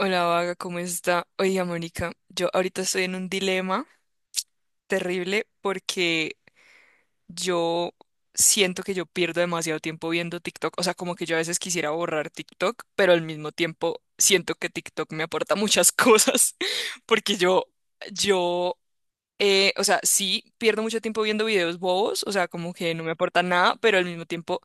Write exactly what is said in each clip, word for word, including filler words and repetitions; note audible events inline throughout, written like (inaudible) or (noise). Hola, Vaga, ¿cómo está? Oiga, Mónica, yo ahorita estoy en un dilema terrible porque yo siento que yo pierdo demasiado tiempo viendo TikTok. O sea, como que yo a veces quisiera borrar TikTok, pero al mismo tiempo siento que TikTok me aporta muchas cosas (laughs) porque yo, yo, eh, o sea, sí pierdo mucho tiempo viendo videos bobos, o sea, como que no me aportan nada, pero al mismo tiempo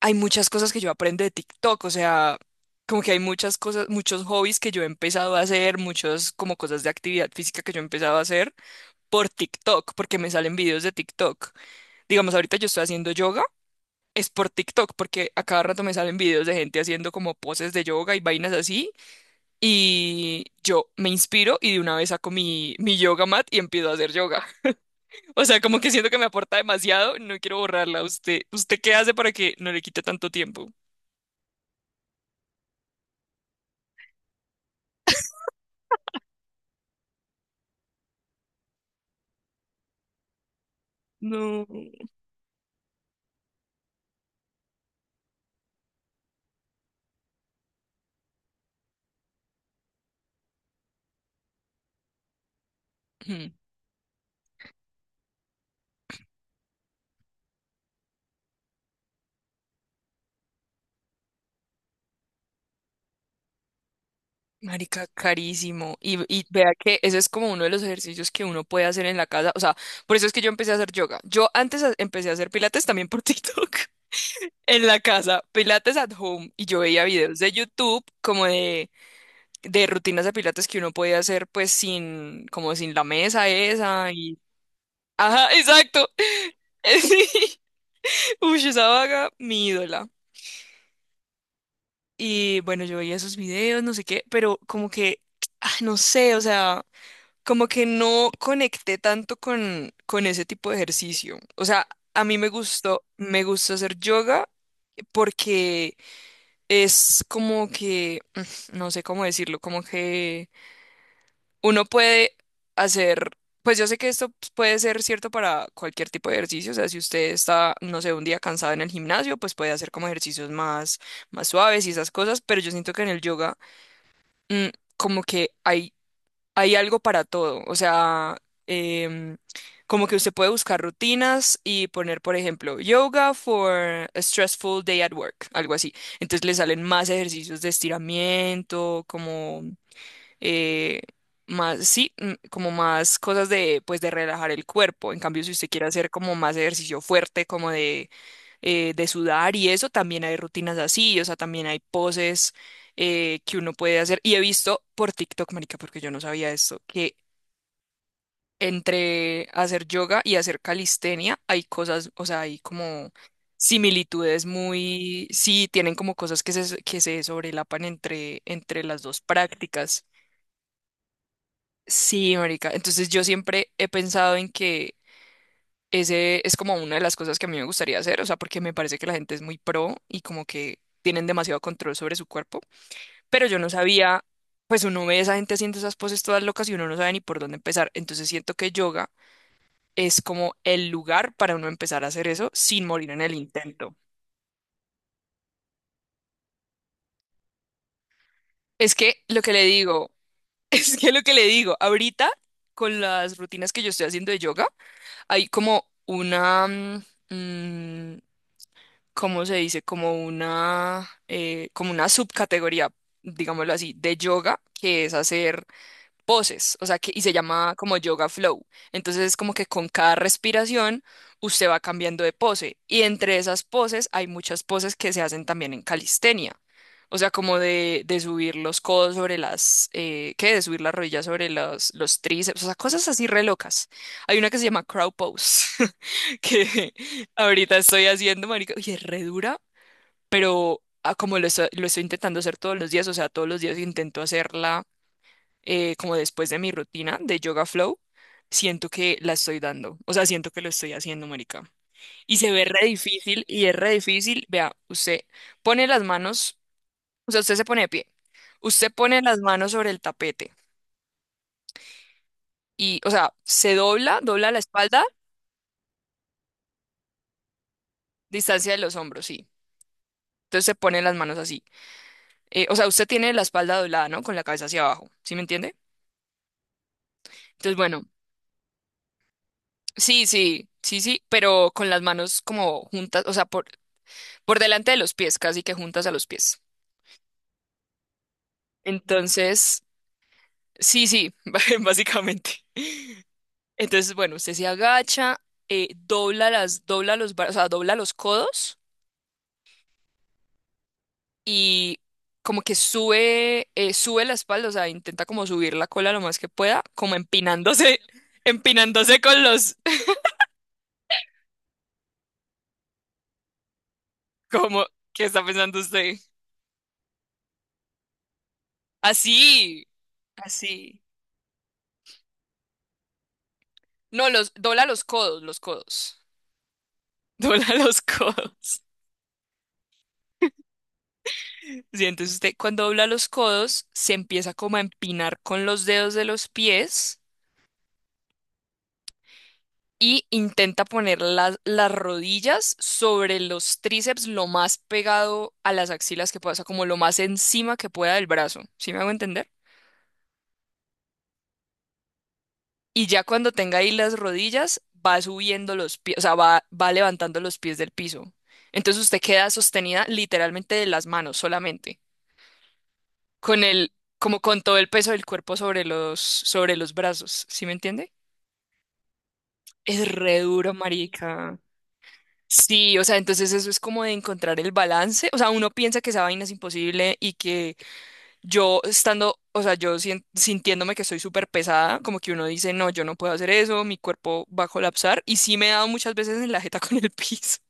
hay muchas cosas que yo aprendo de TikTok, o sea, como que hay muchas cosas, muchos hobbies que yo he empezado a hacer, muchos como cosas de actividad física que yo he empezado a hacer por TikTok, porque me salen videos de TikTok. Digamos, ahorita yo estoy haciendo yoga, es por TikTok, porque a cada rato me salen videos de gente haciendo como poses de yoga y vainas así, y yo me inspiro y de una vez saco mi, mi yoga mat y empiezo a hacer yoga. (laughs) O sea, como que siento que me aporta demasiado, no quiero borrarla. ¿Usted, usted qué hace para que no le quite tanto tiempo? No. Ujú. Marica, carísimo. Y, y vea que ese es como uno de los ejercicios que uno puede hacer en la casa. O sea, por eso es que yo empecé a hacer yoga. Yo antes a- empecé a hacer pilates también por (laughs) TikTok en la casa, pilates at home. Y yo veía videos de YouTube como de, de rutinas de pilates que uno podía hacer pues sin, como sin la mesa esa y. Ajá, exacto. (laughs) Sí. Uy, esa vaga, mi ídola. Y bueno, yo veía esos videos, no sé qué, pero como que, ah, no sé, o sea. Como que no conecté tanto con, con ese tipo de ejercicio. O sea, a mí me gustó, me gusta hacer yoga porque es como que, (laughs) mm, no sé cómo decirlo, como que uno puede hacer, pues yo sé que esto pues, puede ser cierto para cualquier tipo de ejercicio, o sea, si usted está, no sé, un día cansado en el gimnasio, pues puede hacer como ejercicios más, más suaves y esas cosas, pero yo siento que en el yoga, mm, como que hay hay algo para todo. O sea, em, como que usted puede buscar rutinas y poner, por ejemplo, yoga for a stressful day at work, algo así. Entonces le salen más ejercicios de estiramiento, como eh, más, sí, mm, como más cosas de, pues, de relajar el cuerpo. En cambio, si usted quiere hacer como más ejercicio fuerte, como de eh, de sudar y eso, también hay rutinas así, o sea, también hay poses eh, que uno puede hacer. Y he visto por TikTok, marica, porque yo no sabía esto, que entre hacer yoga y hacer calistenia hay cosas, o sea, hay como similitudes muy, sí, tienen como cosas que se, que se sobrelapan entre, entre las dos prácticas. Sí, marica. Entonces yo siempre he pensado en que ese es como una de las cosas que a mí me gustaría hacer, o sea, porque me parece que la gente es muy pro y como que tienen demasiado control sobre su cuerpo, pero yo no sabía, pues uno ve a esa gente haciendo esas poses todas locas y uno no sabe ni por dónde empezar, entonces siento que yoga es como el lugar para uno empezar a hacer eso sin morir en el intento. Es que lo que le digo, (laughs) es que lo que le digo, ahorita con las rutinas que yo estoy haciendo de yoga, hay como una, mm, ¿cómo se dice? Como una, eh, como una subcategoría, digámoslo así, de yoga, que es hacer poses, o sea, que, y se llama como yoga flow. Entonces es como que con cada respiración usted va cambiando de pose y entre esas poses hay muchas poses que se hacen también en calistenia. O sea, como de, de subir los codos sobre las, eh, ¿qué? De subir las rodillas sobre los, los tríceps, o sea, cosas así re locas. Hay una que se llama crow pose, (laughs) que ahorita estoy haciendo, marica, y es re dura, pero ah, como lo estoy, lo estoy intentando hacer todos los días, o sea, todos los días intento hacerla eh, como después de mi rutina de Yoga Flow, siento que la estoy dando. O sea, siento que lo estoy haciendo, marica. Y se ve re difícil, y es re difícil. Vea, usted pone las manos, o sea, usted se pone de pie. Usted pone las manos sobre el tapete y, o sea, se dobla, dobla la espalda, distancia de los hombros, sí. Entonces se pone las manos así. Eh, o sea, usted tiene la espalda doblada, ¿no? Con la cabeza hacia abajo, ¿sí me entiende? Entonces, bueno, sí, sí, sí, sí, pero con las manos como juntas, o sea, por- por delante de los pies, casi que juntas a los pies. Entonces, sí, sí, (laughs) básicamente. Entonces, bueno, usted se agacha, eh, dobla las, dobla los, bra- o sea, dobla los codos y como que sube, eh, sube la espalda, o sea, intenta como subir la cola lo más que pueda, como empinándose, (laughs) empinándose con los, (laughs) como, ¿qué está pensando usted? Así, así. No, los, dobla los codos, los codos. (laughs) Dobla los codos. Sí, entonces usted cuando dobla los codos se empieza como a empinar con los dedos de los pies y intenta poner las, las rodillas sobre los tríceps lo más pegado a las axilas que pueda, o sea, como lo más encima que pueda del brazo. ¿Sí me hago entender? Y ya cuando tenga ahí las rodillas va subiendo los pies, o sea, va, va levantando los pies del piso. Entonces usted queda sostenida literalmente de las manos solamente, con el, como con todo el peso del cuerpo sobre los, sobre los brazos. ¿Sí me entiende? Es re duro, marica. Sí, o sea, entonces eso es como de encontrar el balance. O sea, uno piensa que esa vaina es imposible y que yo estando, o sea, yo sien- sintiéndome que estoy súper pesada, como que uno dice, no, yo no puedo hacer eso, mi cuerpo va a colapsar. Y sí me he dado muchas veces en la jeta (laughs) con el piso. (laughs)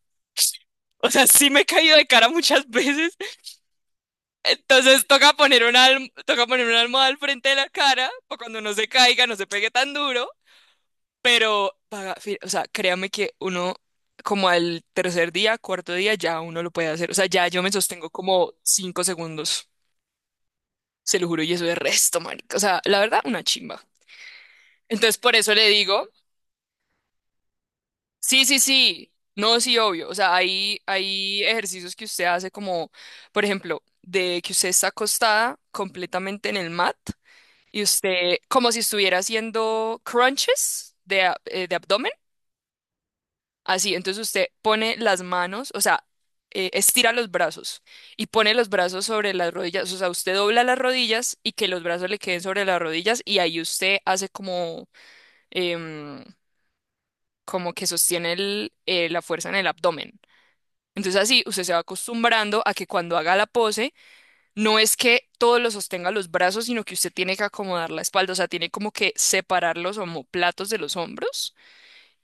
O sea, sí me he caído de cara muchas veces. Entonces toca poner una, alm- toca poner una almohada al frente de la cara para cuando no se caiga, no se pegue tan duro. Pero, paga- fi- o sea, créame que uno, como al tercer día, cuarto día, ya uno lo puede hacer. O sea, ya yo me sostengo como cinco segundos, se lo juro, y eso es resto, marica. O sea, la verdad, una chimba. Entonces, por eso le digo, sí, sí, sí, no, sí, obvio. O sea, hay, hay ejercicios que usted hace como, por ejemplo, de que usted está acostada completamente en el mat y usted, como si estuviera haciendo crunches de, ab- eh, de abdomen. Así, entonces usted pone las manos, o sea, eh, estira los brazos y pone los brazos sobre las rodillas, o sea, usted dobla las rodillas y que los brazos le queden sobre las rodillas y ahí usted hace como, em, como que sostiene el, eh, la fuerza en el abdomen. Entonces así usted se va acostumbrando a que cuando haga la pose, no es que todo lo sostenga los brazos, sino que usted tiene que acomodar la espalda, o sea, tiene como que separar los omóplatos de los hombros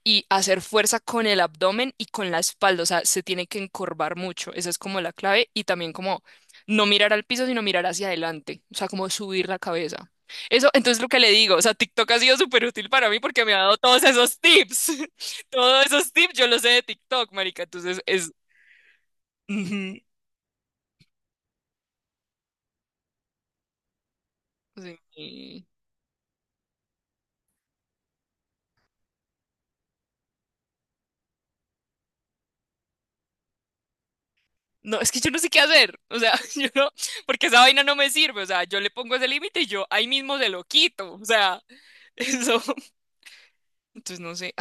y hacer fuerza con el abdomen y con la espalda, o sea, se tiene que encorvar mucho, esa es como la clave, y también como no mirar al piso, sino mirar hacia adelante, o sea, como subir la cabeza. Eso, entonces lo que le digo, o sea, TikTok ha sido súper útil para mí porque me ha dado todos esos tips, (laughs) todos esos tips yo los sé de TikTok, marica, entonces es. Ujú, sí. No, es que yo no sé qué hacer, o sea, (laughs) yo no, porque esa vaina no me sirve, o sea, yo le pongo ese límite y yo ahí mismo se lo quito, o sea, (laughs) eso, entonces no sé.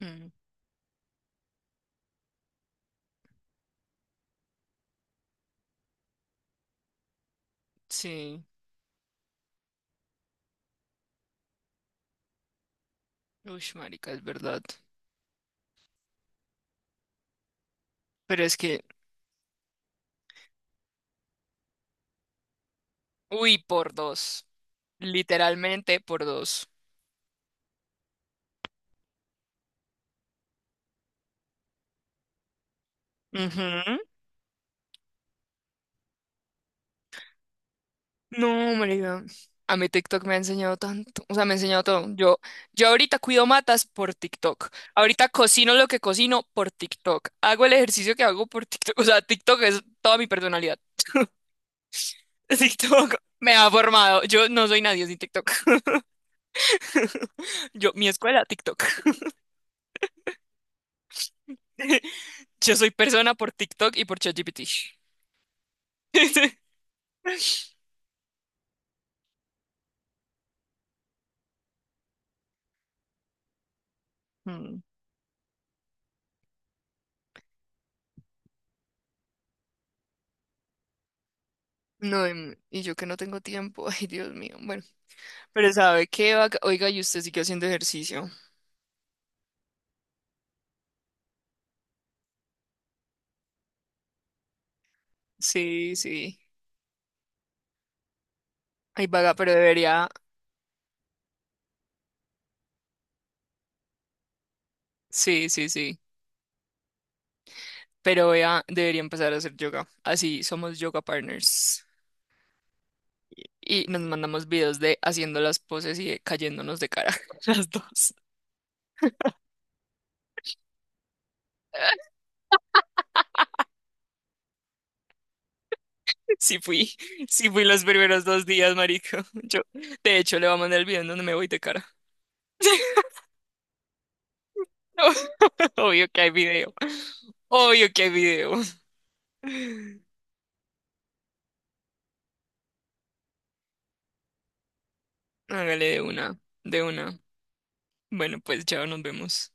Mm, sí, uy, marica, es verdad. Pero es que, uy, por dos. Literalmente por dos. Ujú. No, marica. A mí TikTok me ha enseñado tanto. O sea, me ha enseñado todo. Yo, yo ahorita cuido matas por TikTok. Ahorita cocino lo que cocino por TikTok. Hago el ejercicio que hago por TikTok. O sea, TikTok es toda mi personalidad. (laughs) TikTok me ha formado. Yo no soy nadie sin TikTok. (laughs) Yo, mi escuela, TikTok. (laughs) Yo soy persona por TikTok y por ChatGPT. Mm, No, em, y yo que no tengo tiempo, (laughs) ay Dios mío, bueno, pero ¿sabe qué, vaga? Oiga, y usted sigue haciendo ejercicio. Sí, sí. Ay, vaga, pero debería, sí, sí, sí, pero vea, debería empezar a hacer yoga. Así somos yoga partners. Y nos mandamos videos de haciendo las poses y de cayéndonos de cara, (laughs) las dos. Sí fui, sí fui los primeros dos días, marico. (laughs) Yo, de hecho, le voy a mandar el video en donde me voy de cara. (laughs) Obvio que hay video, obvio que hay video. Hágale de una, de una. Bueno, pues ya nos vemos.